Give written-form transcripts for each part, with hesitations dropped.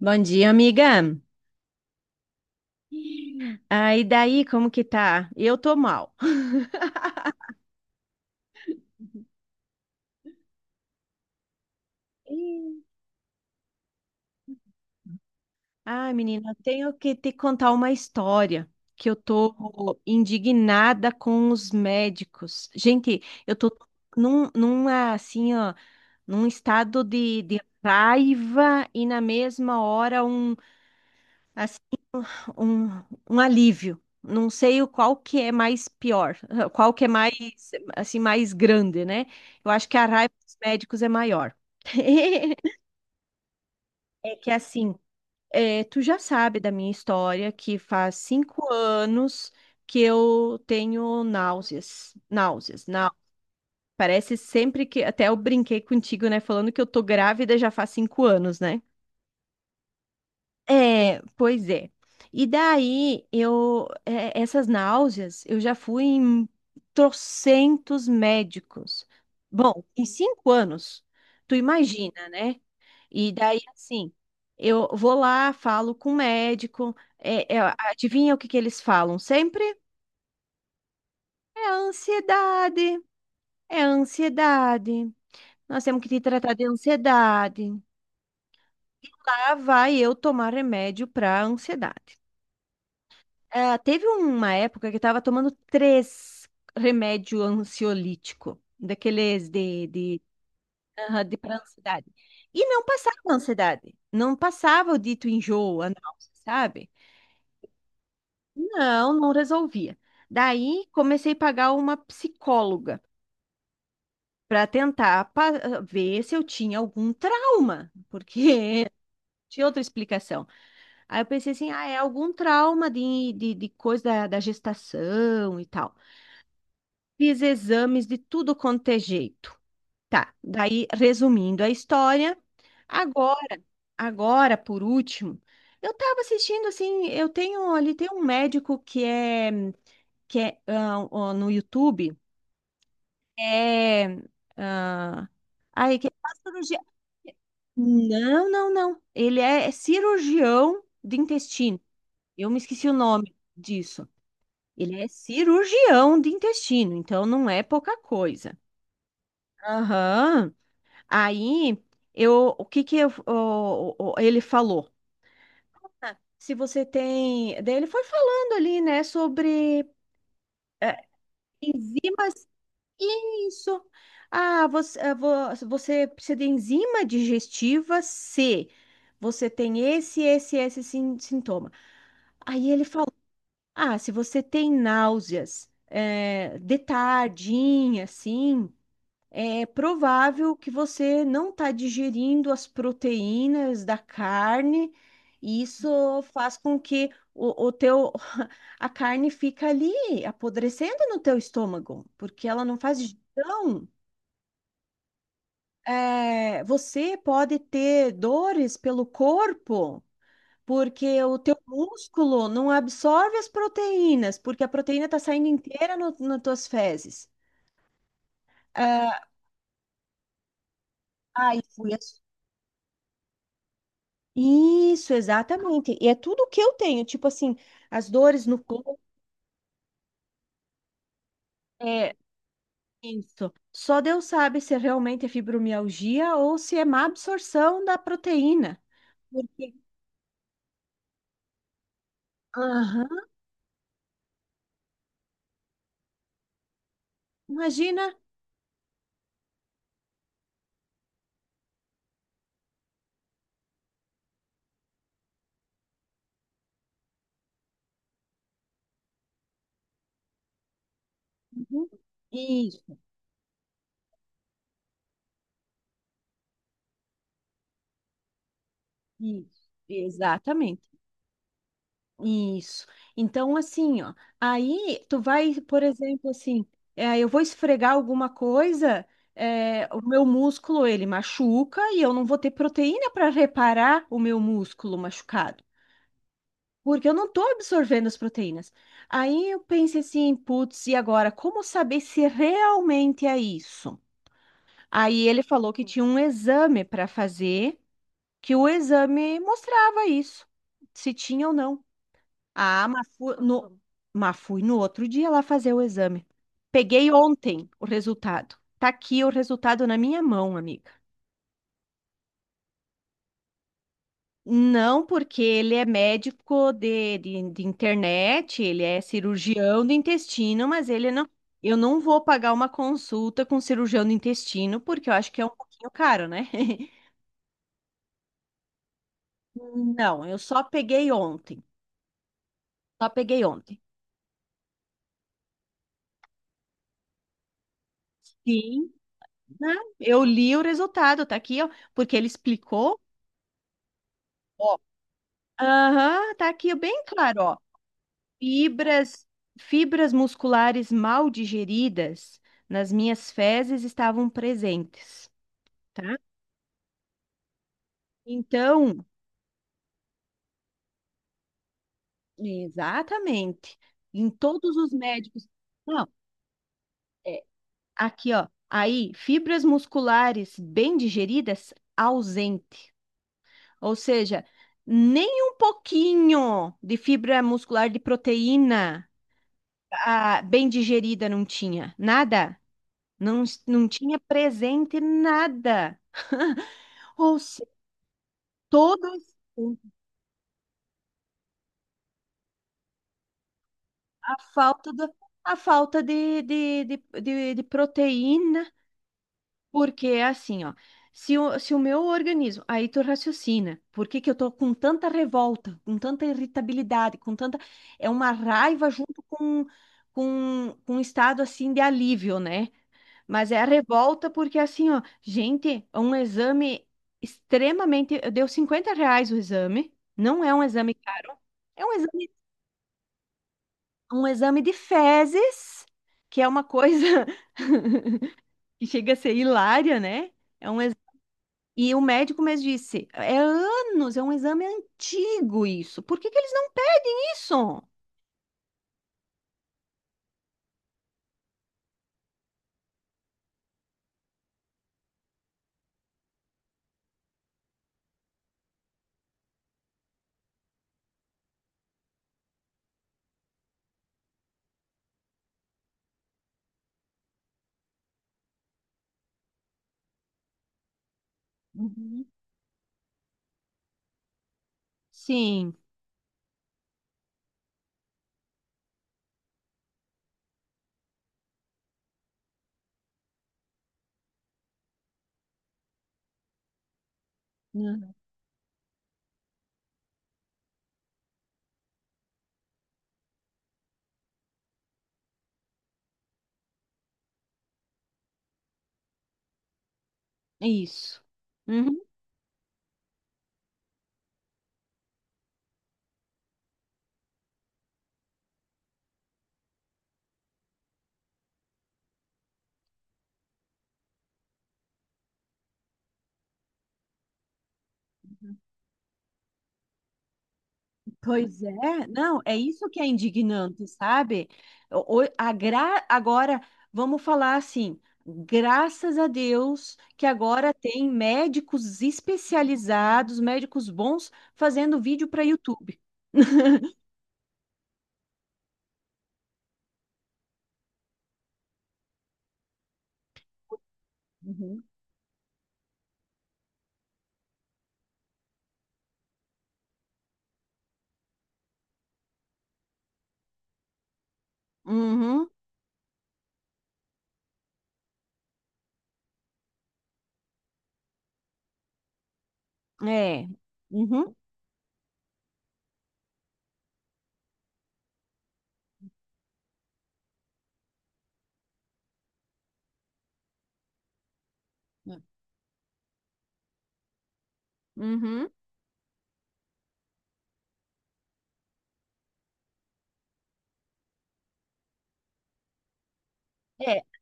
Bom dia, amiga. Ah, e daí, como que tá? Eu tô mal. Ah, menina, eu tenho que te contar uma história que eu tô indignada com os médicos. Gente, eu tô assim, ó, num estado de raiva e na mesma hora assim, um, um alívio. Não sei o qual que é mais pior, qual que é mais, assim, mais grande, né? Eu acho que a raiva dos médicos é maior. É que assim, tu já sabe da minha história que faz 5 anos que eu tenho náuseas, náuseas, não. Parece sempre que até eu brinquei contigo, né, falando que eu tô grávida já faz 5 anos, né? É, pois é. E daí essas náuseas eu já fui em trocentos médicos. Bom, em 5 anos, tu imagina, né? E daí, assim, eu vou lá, falo com o médico, adivinha o que que eles falam sempre? É a ansiedade, é a ansiedade. Nós temos que te tratar de ansiedade. Lá vai eu tomar remédio para ansiedade. Ah, teve uma época que eu estava tomando três remédios ansiolíticos, daqueles aham, de para ansiedade. E não passava a ansiedade, não passava o dito enjoo, a náusea, sabe? Não, não resolvia. Daí comecei a pagar uma psicóloga para tentar ver se eu tinha algum trauma, porque tinha outra explicação. Aí eu pensei assim, ah, é algum trauma de coisa da gestação e tal. Fiz exames de tudo quanto é jeito. Tá, daí resumindo a história, agora, agora por último, eu estava assistindo assim, eu tenho ali tem um médico que é ah, ó, no YouTube, é ah, ai que faz cirurgia. Não, não, não. Ele é cirurgião de intestino. Eu me esqueci o nome disso. Ele é cirurgião de intestino, então não é pouca coisa. Aham. Aí, o que que ele falou? Ah, Se você tem, daí ele foi falando ali, né, sobre eh, enzimas, isso. Ah, você precisa de enzima digestiva C. Você tem esse sintoma. Aí ele falou, ah, se você tem náuseas, de tardinha, assim, é provável que você não está digerindo as proteínas da carne, e isso faz com que a carne fica ali apodrecendo no teu estômago, porque ela não faz digestão. É, você pode ter dores pelo corpo, porque o teu músculo não absorve as proteínas, porque a proteína está saindo inteira no, nas tuas fezes. Ah. aí fui Isso, exatamente. E é tudo que eu tenho, tipo assim, as dores no corpo, é isso. Só Deus sabe se realmente é fibromialgia ou se é má absorção da proteína. Porque, aham, imagina. Uhum. Isso, isso, exatamente. Isso. Então, assim, ó, aí tu vai, por exemplo, assim, eu vou esfregar alguma coisa, o meu músculo ele machuca e eu não vou ter proteína para reparar o meu músculo machucado, porque eu não estou absorvendo as proteínas. Aí eu pensei assim, putz, e agora, como saber se realmente é isso? Aí ele falou que tinha um exame para fazer, que o exame mostrava isso, se tinha ou não. Ah, mas fui no outro dia lá fazer o exame. Peguei ontem o resultado. Tá aqui o resultado na minha mão, amiga. Não, porque ele é médico de internet, ele é cirurgião do intestino, mas ele não. Eu não vou pagar uma consulta com cirurgião do intestino, porque eu acho que é um pouquinho caro, né? Não, eu só peguei ontem. Só peguei ontem. Sim, né? Eu li o resultado, tá aqui, ó, porque ele explicou. Ó. Aham, tá aqui bem claro, ó. Fibras, fibras musculares mal digeridas nas minhas fezes estavam presentes, tá? Então, exatamente, em todos os médicos. Não, é, aqui, ó. Aí, fibras musculares bem digeridas, ausente. Ou seja, nem um pouquinho de fibra muscular de proteína, ah, bem digerida não tinha, nada. Não, não tinha presente nada. Ou seja, todo esse tempo, a falta do, a falta de proteína. Porque é assim, ó. Se o meu organismo, aí tu raciocina, por que que eu tô com tanta revolta, com tanta irritabilidade, com tanta, é uma raiva junto com um estado assim de alívio, né? Mas é a revolta porque assim, ó, gente, é um exame extremamente, deu R$ 50 o exame, não é um exame caro, é um exame de fezes, que é uma coisa que chega a ser hilária, né? É um e o médico me disse, é anos, é um exame antigo isso. Por que que eles não pegam isso? Uhum. Sim. Uhum. É isso. Uhum. Pois é, não, é isso que é indignante, sabe? Agora, vamos falar assim, graças a Deus que agora tem médicos especializados, médicos bons, fazendo vídeo para YouTube. Uhum. Uhum, é. Uhum. Uhum. É. Uhum.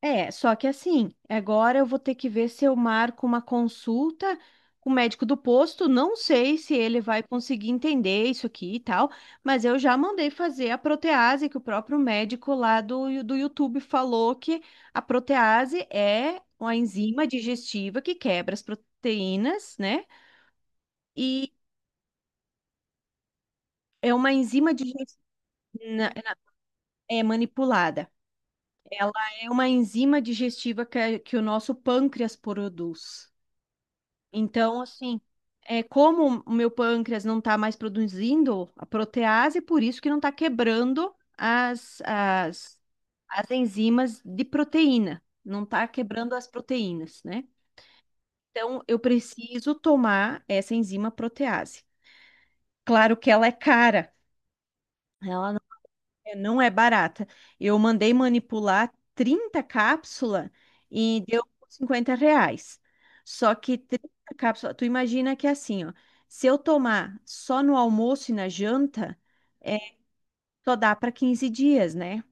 É, só que assim, agora eu vou ter que ver se eu marco uma consulta com o médico do posto. Não sei se ele vai conseguir entender isso aqui e tal, mas eu já mandei fazer a protease, que o próprio médico lá do YouTube falou que a protease é uma enzima digestiva que quebra as proteínas, né? E é uma enzima digestiva. É manipulada. Ela é uma enzima digestiva que o nosso pâncreas produz. Então, assim, é como o meu pâncreas não está mais produzindo a protease, por isso que não está quebrando as enzimas de proteína, não está quebrando as proteínas, né? Então, eu preciso tomar essa enzima protease. Claro que ela é cara, ela É, não é barata. Eu mandei manipular 30 cápsulas e deu R$ 50. Só que 30 cápsulas, tu imagina que é assim, ó. Se eu tomar só no almoço e na janta, é, só dá para 15 dias, né?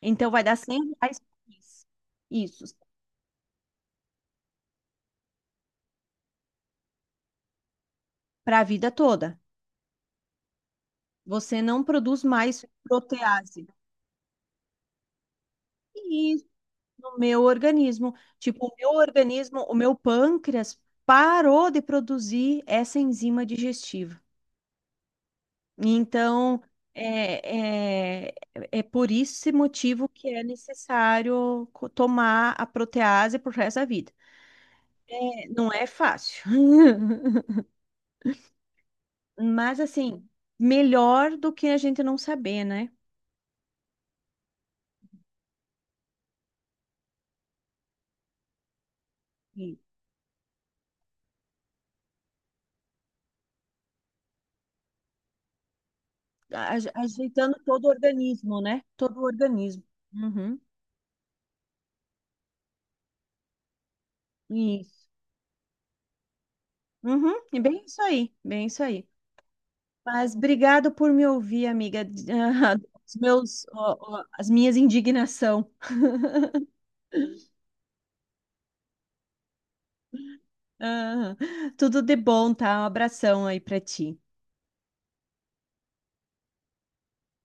Então vai dar R$ 100 por mês. Isso, para a vida toda. Você não produz mais protease. No meu organismo. Tipo, o meu pâncreas parou de produzir essa enzima digestiva. Então, é, é, é por esse motivo que é necessário tomar a protease pro resto da vida. É, não é fácil, mas assim, melhor do que a gente não saber, né? E ajeitando todo o organismo, né? Todo o organismo. Uhum. Isso. Uhum. É bem isso aí, bem isso aí. Mas obrigado por me ouvir, amiga. Ah, ó, ó, as minhas indignação. Ah, tudo de bom, tá? Um abração aí pra ti.